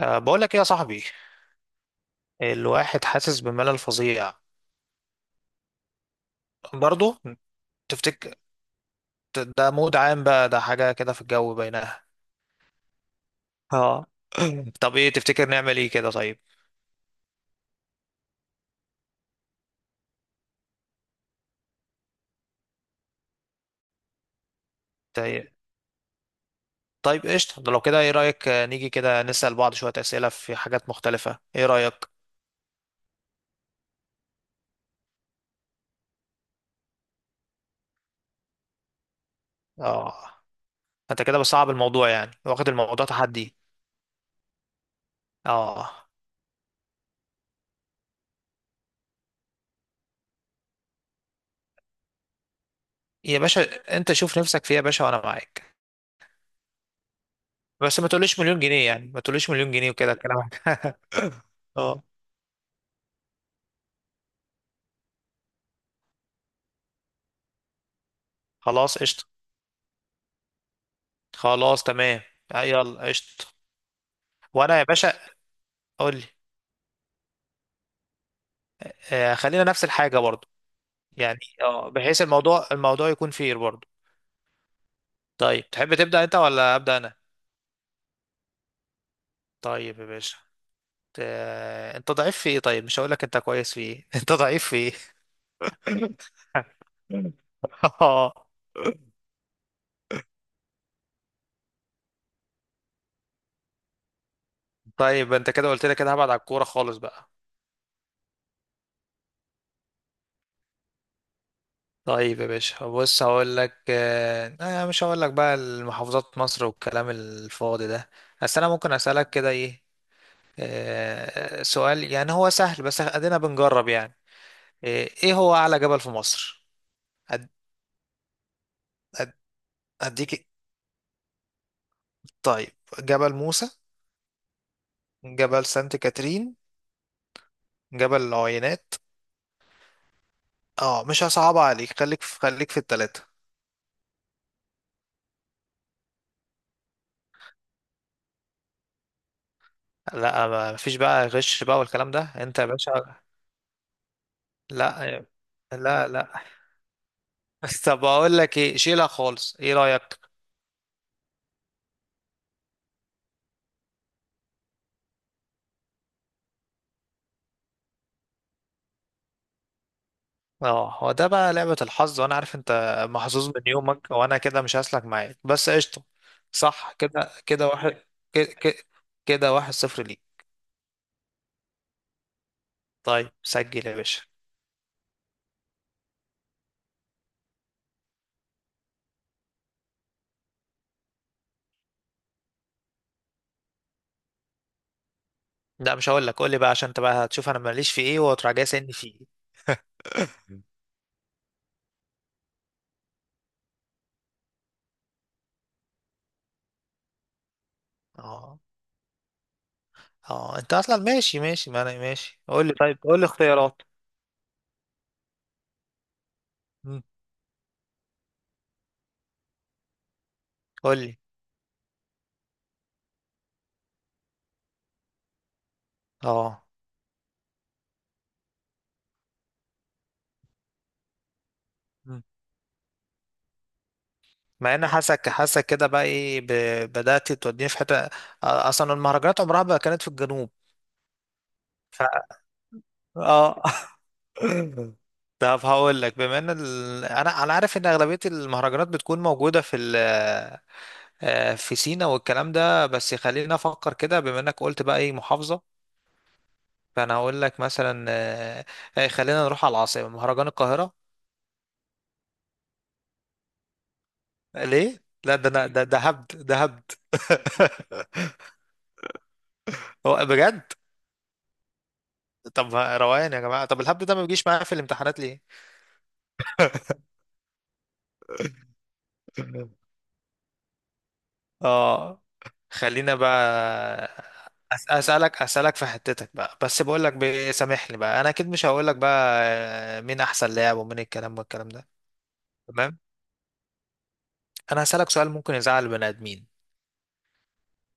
أه بقول لك ايه يا صاحبي. الواحد حاسس بملل فظيع. برضه تفتكر ده مود عام بقى، ده حاجة كده في الجو بينها. اه طب ايه تفتكر نعمل ايه كده طيب؟ طيب طيب قشطة، ده لو كده ايه رأيك؟ نيجي كده نسأل بعض شوية أسئلة في حاجات مختلفة، ايه رأيك؟ اه انت كده بتصعب الموضوع، يعني واخد الموضوع تحدي. اه يا باشا، انت شوف نفسك فيها يا باشا وانا معاك. بس ما تقوليش مليون جنيه، يعني ما تقوليش مليون جنيه وكده كلامك. اه خلاص قشطة، خلاص تمام. يلا قشطة. وانا يا باشا، قول لي. آه، خلينا نفس الحاجة برضو. يعني اه بحيث الموضوع يكون فير برضو. طيب تحب تبدأ انت ولا أبدأ انا؟ طيب يا باشا، آه انت ضعيف في ايه؟ طيب مش هقول لك انت كويس في ايه، انت ضعيف في ايه؟ طيب انت كده قلت لي كده، هبعد على الكورة خالص بقى. طيب يا باشا، بص هقول لك مش هقول لك بقى المحافظات مصر والكلام الفاضي ده. بس انا ممكن اسألك كده ايه؟ سؤال يعني هو سهل، بس ادينا بنجرب يعني. ايه هو اعلى جبل في مصر؟ أد... أد... اديك إيه؟ طيب، جبل موسى، جبل سانت كاترين، جبل العوينات. اه مش هصعب عليك، خليك في التلاتة. لا ما فيش بقى غش بقى والكلام ده انت يا باشا. لا لا لا. طب اقول لك ايه، شيلها خالص، ايه رأيك؟ اه هو ده بقى لعبة الحظ، وانا عارف انت محظوظ من يومك وانا كده مش هسلك معاك، بس قشطة. صح كده كده واحد. كده كده، كده واحد صفر ليك. طيب سجل يا باشا. لا مش هقول لك، قول لي بقى، عشان انت بقى هتشوف انا ماليش في ايه وتراجع جاي سني في ايه. اه اه انت اصلا ماشي، ما انا ماشي. قول لي، طيب قول لي اختيارات. مم. قول لي. اه مم. مع ان حاسك كده بقى ايه بدأت توديني في حتة. آه، اصلا المهرجانات عمرها ما كانت في الجنوب. ف... اه. طب هقول لك بما ان انا عارف ان اغلبيه المهرجانات بتكون موجوده في آه، في سينا والكلام ده، بس خلينا افكر كده بما انك قلت بقى ايه محافظه. فانا هقول لك مثلا، خلينا نروح على العاصمه، مهرجان القاهره. ليه لا، ده انا ده هبد، ده هبد. هو بجد. طب روقان يا جماعه، طب الهبد ده ما بيجيش معايا في الامتحانات. ليه؟ اه خلينا بقى. اسالك في حتتك بقى، بس بقول لك سامحني بقى، انا اكيد مش هقول لك بقى آه، مين احسن لاعب ومين الكلام ده. تمام. انا هسالك سؤال ممكن يزعل البني ادمين.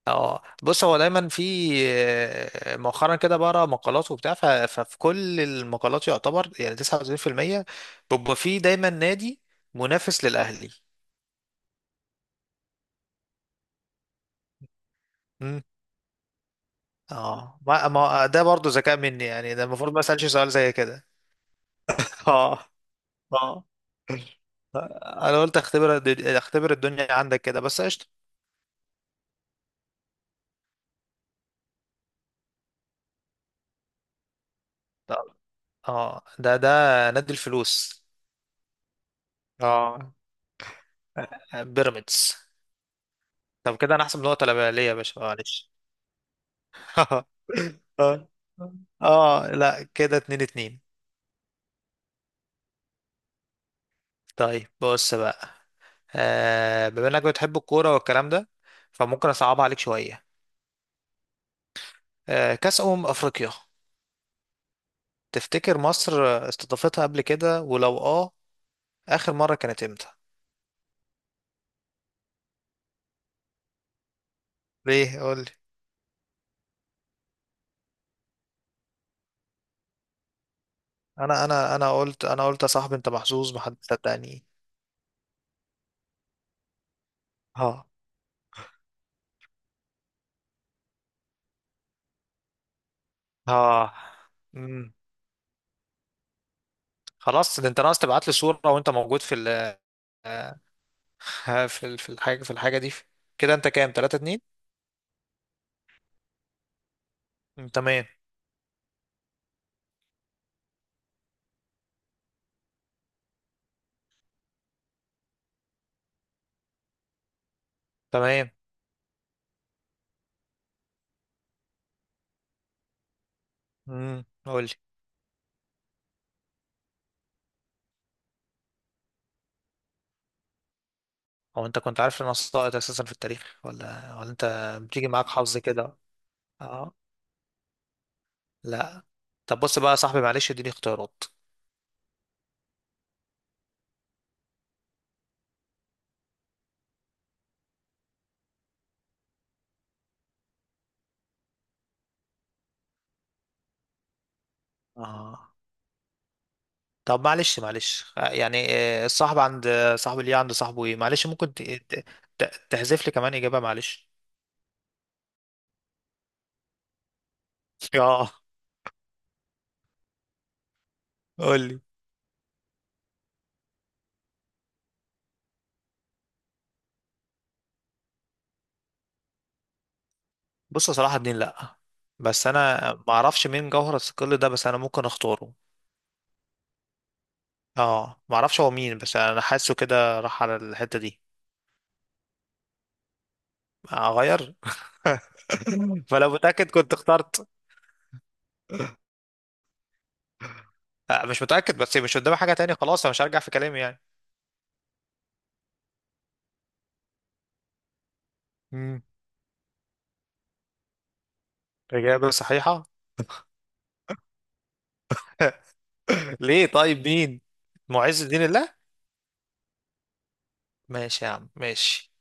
اه بص، هو دايما في آه، مؤخرا كده بقرا مقالات وبتاع، ففي كل المقالات يعتبر يعني 99% بيبقى في دايما نادي منافس للاهلي. مم. اه ما ده برضو ذكاء مني، يعني ده المفروض ما اسالش سؤال زي كده. اه اه، انا قلت اختبر، اختبر الدنيا عندك كده، بس قشطه. طب. اه ده نادي الفلوس. اه بيراميدز. طب كده انا احسب نقطه ليا، ليا يا باشا معلش. اه اه، لا كده اتنين. طيب بص بقى، آه بما انك بتحب الكوره والكلام ده فممكن اصعب عليك شويه. آه كاس افريقيا، تفتكر مصر استضافتها قبل كده؟ ولو اه اخر مره كانت امتى؟ ليه قول. انا قلت، انا قلت يا صاحبي انت محظوظ، ما حد صدقني. ها. ها. امم، خلاص ده انت ناقص تبعت لي صورة وانت موجود في ال... في في الحاجة دي. كده انت كام؟ 3 2. تمام. تمام. قول لي. هو انت كنت عارف ان انا ساقط اساسا في التاريخ ولا انت بتيجي معاك حظ كده؟ اه. لا. طب بص بقى يا صاحبي، معلش اديني اختيارات. اه. طب معلش آه، يعني آه، الصاحب عند آه، صاحب اللي عند صاحبه ايه، معلش ممكن تحذف لي كمان اجابه معلش. اه قول لي. بص صلاح الدين لا، بس انا ما اعرفش مين جوهر الثقل ده، بس انا ممكن اختاره. اه ما اعرفش هو مين، بس انا حاسه كده راح على الحته دي. اغير. فلو متاكد كنت اخترت. آه، مش متاكد، بس مش قدامي حاجه تانية، خلاص انا مش هرجع في كلامي يعني. مم. اجابه صحيحه. ليه طيب مين؟ معز الدين الله. ماشي يا عم، ماشي.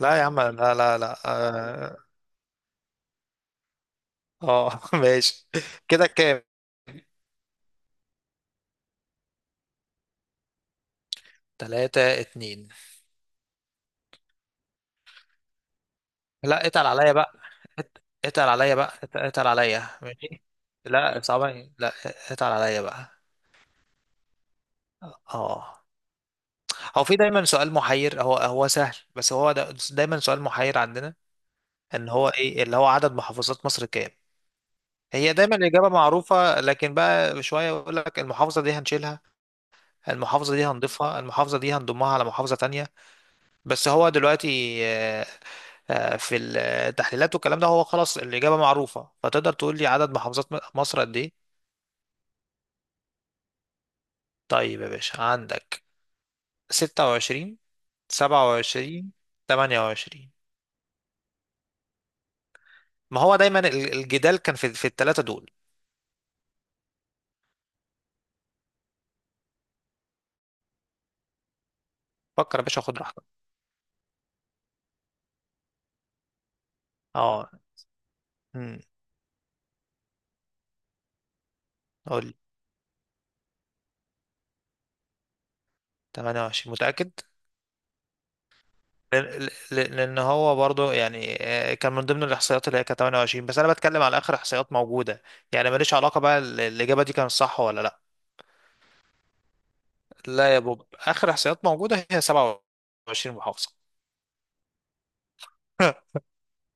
لا يا عم، لا اه. آه، ماشي. كده كام؟ تلاتة اتنين. لا اتقل عليا بقى. ات- اتقل عليا بقى، اتقل عليا ماشي. لا صعبة لا، اتقل عليا بقى. اه هو في دايما سؤال محير، هو سهل بس هو دا دايما سؤال محير عندنا، ان هو ايه اللي هو عدد محافظات مصر كام؟ هي دايما الإجابة معروفة، لكن بقى شوية يقول لك المحافظة دي هنشيلها، المحافظة دي هنضيفها، المحافظة دي هنضمها على محافظة تانية. بس هو دلوقتي في التحليلات والكلام ده هو خلاص الإجابة معروفة، فتقدر تقول لي عدد محافظات مصر قد إيه؟ طيب يا باشا، عندك 26، 27، 28. ما هو دايما الجدال كان في الثلاثة دول. فكر يا باشا، خد راحتك. اه امم قول لي. 28 متأكد؟ لأن هو برضو يعني آه، كان من ضمن الإحصائيات اللي هي كانت 28، بس أنا بتكلم على آخر إحصائيات موجودة. يعني ماليش علاقة بقى الإجابة دي كانت صح ولا لأ. لا يا بوب، اخر احصائيات موجوده هي 27 محافظه.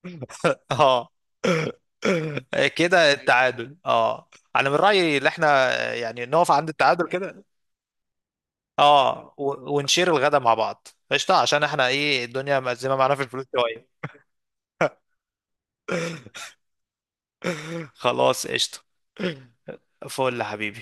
اه كده التعادل اه. انا من رايي ان احنا يعني نقف عند التعادل كده. اه ونشير الغدا مع بعض قشطه، عشان احنا ايه الدنيا مأزمه معانا في الفلوس شويه. خلاص قشطه. فل يا حبيبي.